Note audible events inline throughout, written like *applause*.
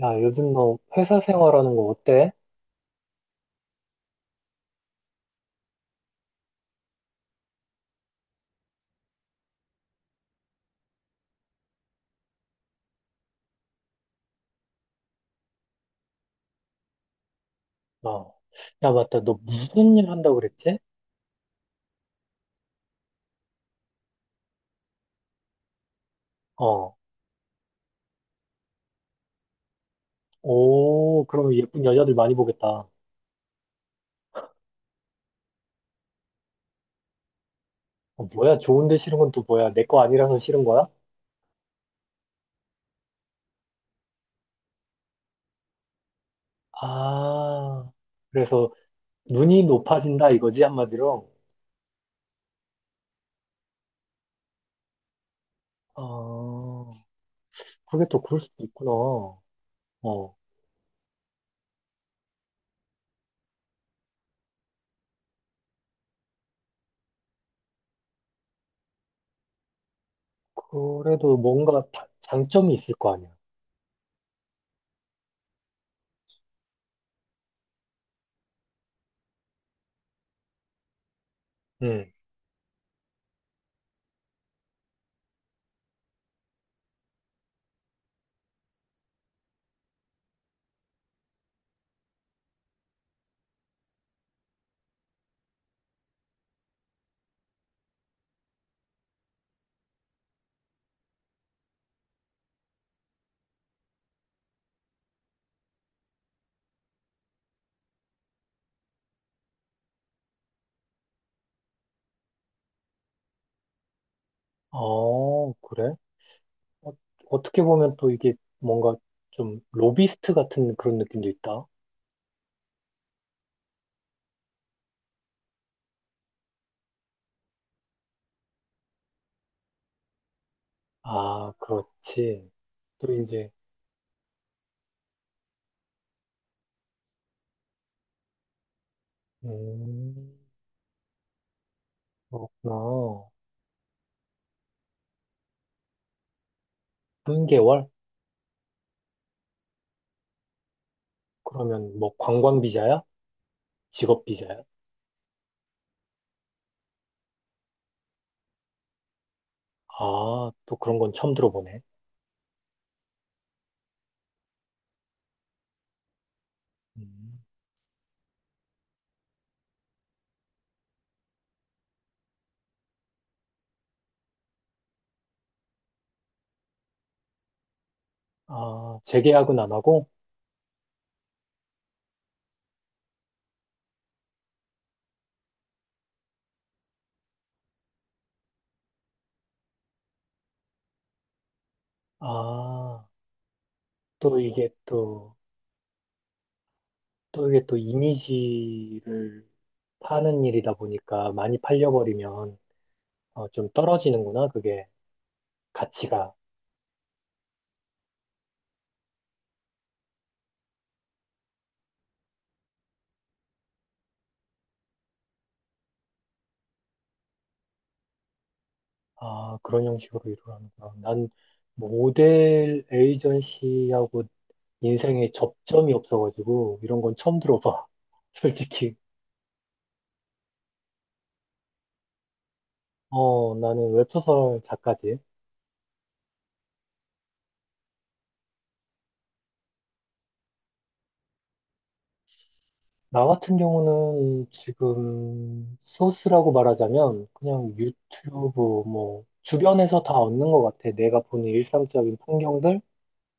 야, 요즘 너 회사 생활하는 거 어때? 어. 야, 맞다. 너 무슨 일 한다고 그랬지? 어. 오, 그럼 예쁜 여자들 많이 보겠다. 어, 뭐야? 좋은데 싫은 건 또 뭐야? 내 거 아니라서 싫은 거야? 아, 그래서 눈이 높아진다 이거지, 한마디로? 어, 그게 또 그럴 수도 있구나. 어. 그래도 뭔가 장점이 있을 거 아니야. 응. 어, 그래? 어, 어떻게 보면 또 이게 뭔가 좀 로비스트 같은 그런 느낌도 있다. 아, 그렇지. 또 이제, 음, 그렇구나. 3개월? 그러면 뭐 관광 비자야? 직업 비자야? 아, 또 그런 건 처음 들어보네. 음. 아, 재계약은 안 하고? 아, 또 이게 또, 또 이게 또 이미지를 파는 일이다 보니까 많이 팔려버리면 어, 좀 떨어지는구나, 그게. 가치가. 아, 그런 형식으로 이루어가는구나. 난 뭐 모델 에이전시하고 인생에 접점이 없어가지고 이런 건 처음 들어봐. *laughs* 솔직히. 어, 나는 웹소설 작가지. 나 같은 경우는 지금 소스라고 말하자면 그냥 유튜브 뭐 주변에서 다 얻는 것 같아. 내가 보는 일상적인 풍경들,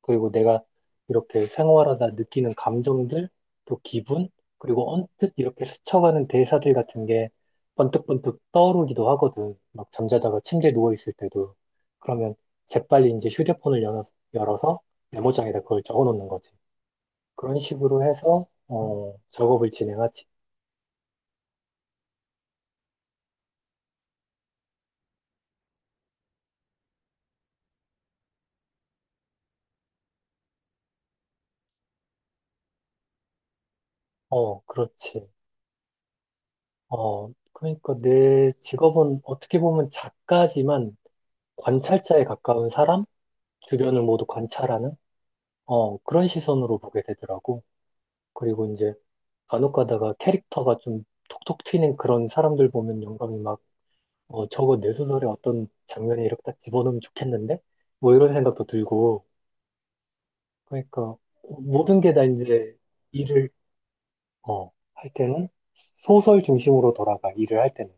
그리고 내가 이렇게 생활하다 느끼는 감정들, 또 기분, 그리고 언뜻 이렇게 스쳐가는 대사들 같은 게 번뜩번뜩 떠오르기도 하거든. 막 잠자다가 침대에 누워있을 때도. 그러면 재빨리 이제 휴대폰을 열어서 메모장에다 그걸 적어 놓는 거지. 그런 식으로 해서, 어, 작업을 진행하지. 어, 그렇지. 어, 그러니까 내 직업은 어떻게 보면 작가지만 관찰자에 가까운 사람? 주변을 모두 관찰하는? 어, 그런 시선으로 보게 되더라고. 그리고 이제 간혹 가다가 캐릭터가 좀 톡톡 튀는 그런 사람들 보면 영감이 막, 어, 저거 내 소설에 어떤 장면에 이렇게 딱 집어넣으면 좋겠는데? 뭐 이런 생각도 들고. 그러니까 모든 게 다 이제 일을, 어, 할 때는 소설 중심으로 돌아가, 일을 할 때는.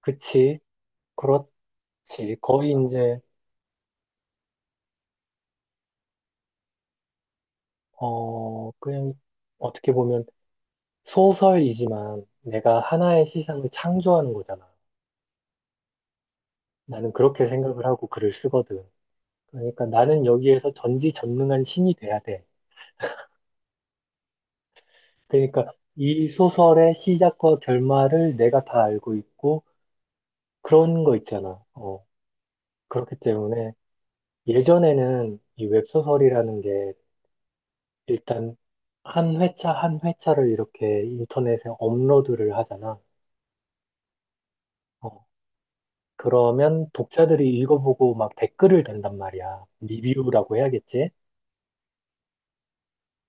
그치, 그렇지. 거의 이제, 어, 그냥 어떻게 보면 소설이지만 내가 하나의 세상을 창조하는 거잖아. 나는 그렇게 생각을 하고 글을 쓰거든. 그러니까 나는 여기에서 전지전능한 신이 돼야 돼. 그러니까 이 소설의 시작과 결말을 내가 다 알고 있고 그런 거 있잖아. 어, 그렇기 때문에 예전에는 이 웹소설이라는 게 일단 한 회차 한 회차를 이렇게 인터넷에 업로드를 하잖아. 어, 그러면 독자들이 읽어보고 막 댓글을 단단 말이야. 리뷰라고 해야겠지?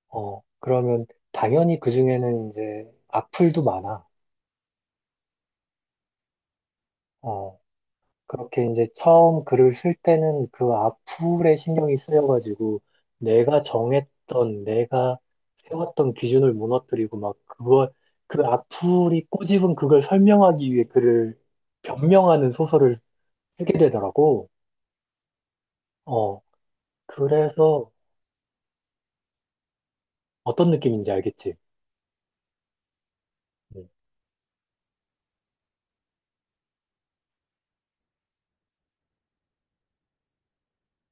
어, 그러면 당연히 그중에는 이제 악플도 많아. 어, 그렇게 이제 처음 글을 쓸 때는 그 악플에 신경이 쓰여가지고 내가 정했던, 내가 세웠던 기준을 무너뜨리고 막 그걸, 그 악플이 꼬집은 그걸 설명하기 위해 글을 변명하는 소설을 쓰게 되더라고. 어, 그래서 어떤 느낌인지 알겠지? 음.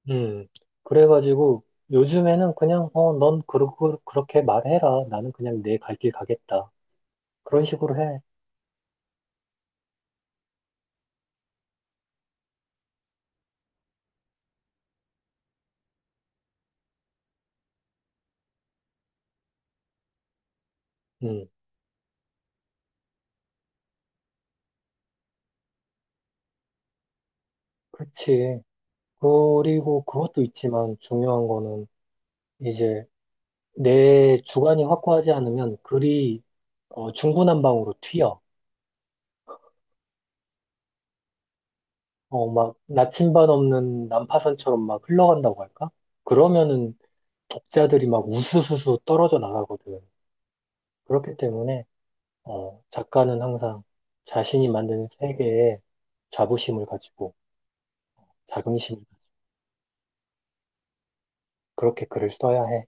음, 그래가지고 요즘에는 그냥, 어, 넌 그러고, 그렇게 말해라. 나는 그냥 내 갈 길 가겠다. 그런 식으로 해. 음, 그치. 그리고 그것도 있지만 중요한 거는 이제 내 주관이 확고하지 않으면 글이 어, 중구난방으로 튀어. 어, 막 나침반 없는 난파선처럼 막 흘러간다고 할까? 그러면은 독자들이 막 우수수수 떨어져 나가거든. 그렇기 때문에 어, 작가는 항상 자신이 만드는 세계에 자부심을 가지고 자긍심을 가지고 그렇게 글을 써야 해.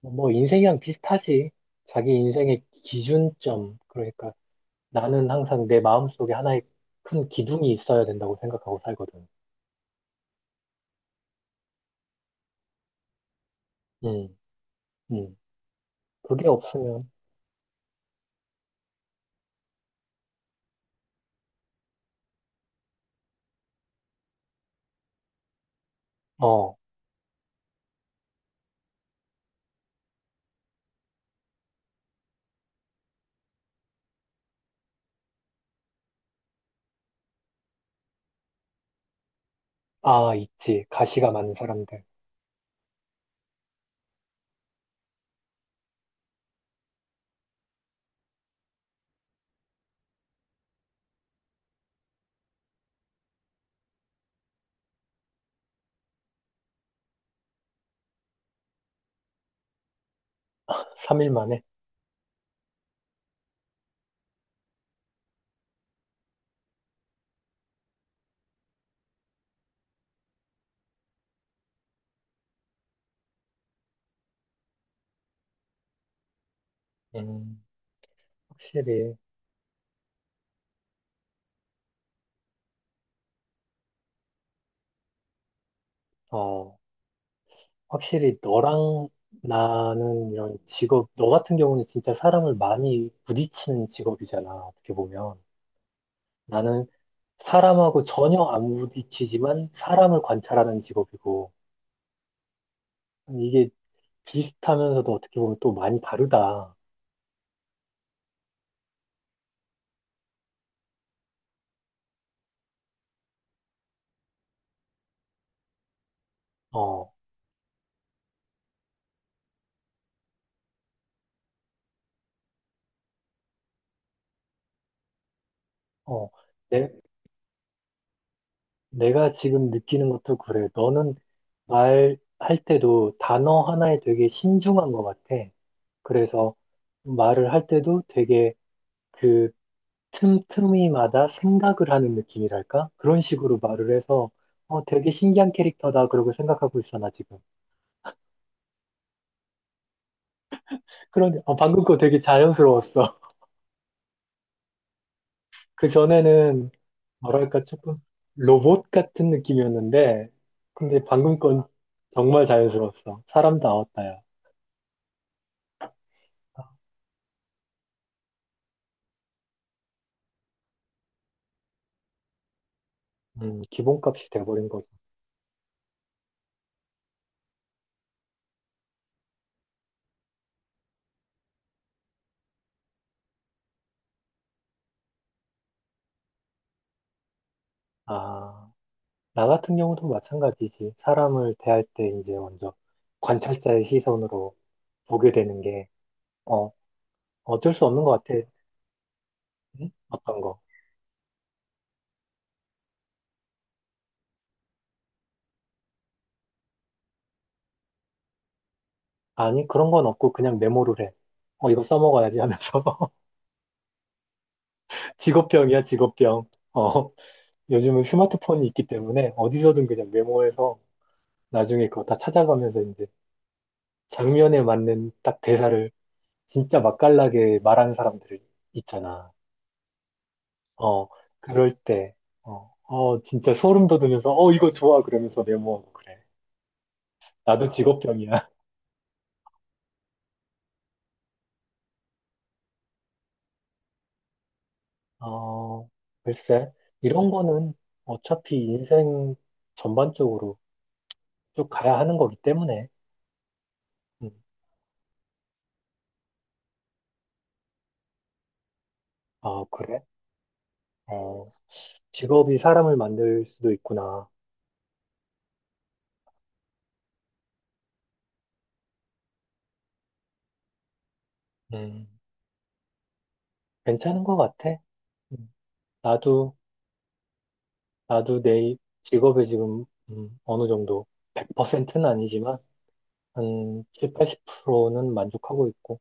뭐 인생이랑 비슷하지. 자기 인생의 기준점. 그러니까 나는 항상 내 마음속에 하나의 큰 기둥이 있어야 된다고 생각하고 살거든. 음, 음. 그게 없으면 어, 아, 있지. 가시가 많은 사람들. *laughs* 3일 만에. 음, 확실히 어. 확실히 너랑 나는 이런 직업, 너 같은 경우는 진짜 사람을 많이 부딪히는 직업이잖아, 어떻게 보면. 나는 사람하고 전혀 안 부딪히지만 사람을 관찰하는 직업이고, 이게 비슷하면서도 어떻게 보면 또 많이 다르다. 어, 어, 내, 내가 지금 느끼는 것도 그래. 너는 말할 때도 단어 하나에 되게 신중한 것 같아. 그래서 말을 할 때도 되게 그 틈틈이마다 생각을 하는 느낌이랄까? 그런 식으로 말을 해서 어, 되게 신기한 캐릭터다 그러고 생각하고 있어 나 지금. 그런데 어, 방금 거 되게 자연스러웠어. *laughs* 그 전에는 뭐랄까 조금 로봇 같은 느낌이었는데 근데 방금 건 정말 자연스러웠어. 사람 나왔다야. 기본값이 돼버린 거죠. 아, 나 같은 경우도 마찬가지지. 사람을 대할 때 이제 먼저 관찰자의 시선으로 보게 되는 게, 어, 어쩔 수 없는 것 같아. 응? 어떤 거? 아니, 그런 건 없고 그냥 메모를 해. 어, 이거 써먹어야지 하면서. *laughs* 직업병이야, 직업병. 어, 요즘은 스마트폰이 있기 때문에 어디서든 그냥 메모해서 나중에 그거 다 찾아가면서 이제 장면에 맞는 딱 대사를 진짜 맛깔나게 말하는 사람들이 있잖아. 어, 그럴 때, 어, 어, 진짜 소름 돋으면서, 어, 이거 좋아. 그러면서 메모하고 그래. 나도 직업병이야. *laughs* 어, 글쎄, 이런 거는 어차피 인생 전반적으로 쭉 가야 하는 거기 때문에. 음. 아, 그래? 어, 직업이 사람을 만들 수도 있구나. 음, 괜찮은 것 같아. 음, 나도, 나도 내 직업에 지금, 어느 정도, 100%는 아니지만, 한 7, 80%는 만족하고 있고,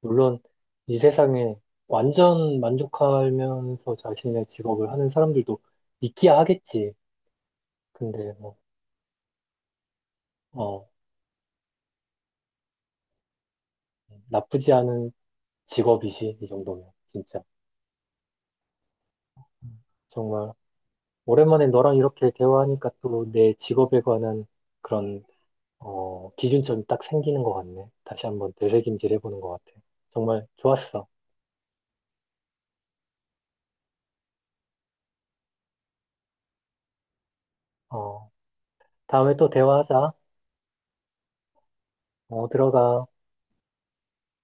물론, 이 세상에 완전 만족하면서 자신의 직업을 하는 사람들도 있기야 하겠지. 근데, 뭐, 어, 나쁘지 않은 직업이지, 이 정도면, 진짜. 정말 오랜만에 너랑 이렇게 대화하니까 또 내 직업에 관한 그런 어, 기준점이 딱 생기는 것 같네. 다시 한번 되새김질 해보는 것 같아. 정말 좋았어. 어, 다음에 또 대화하자. 어, 들어가.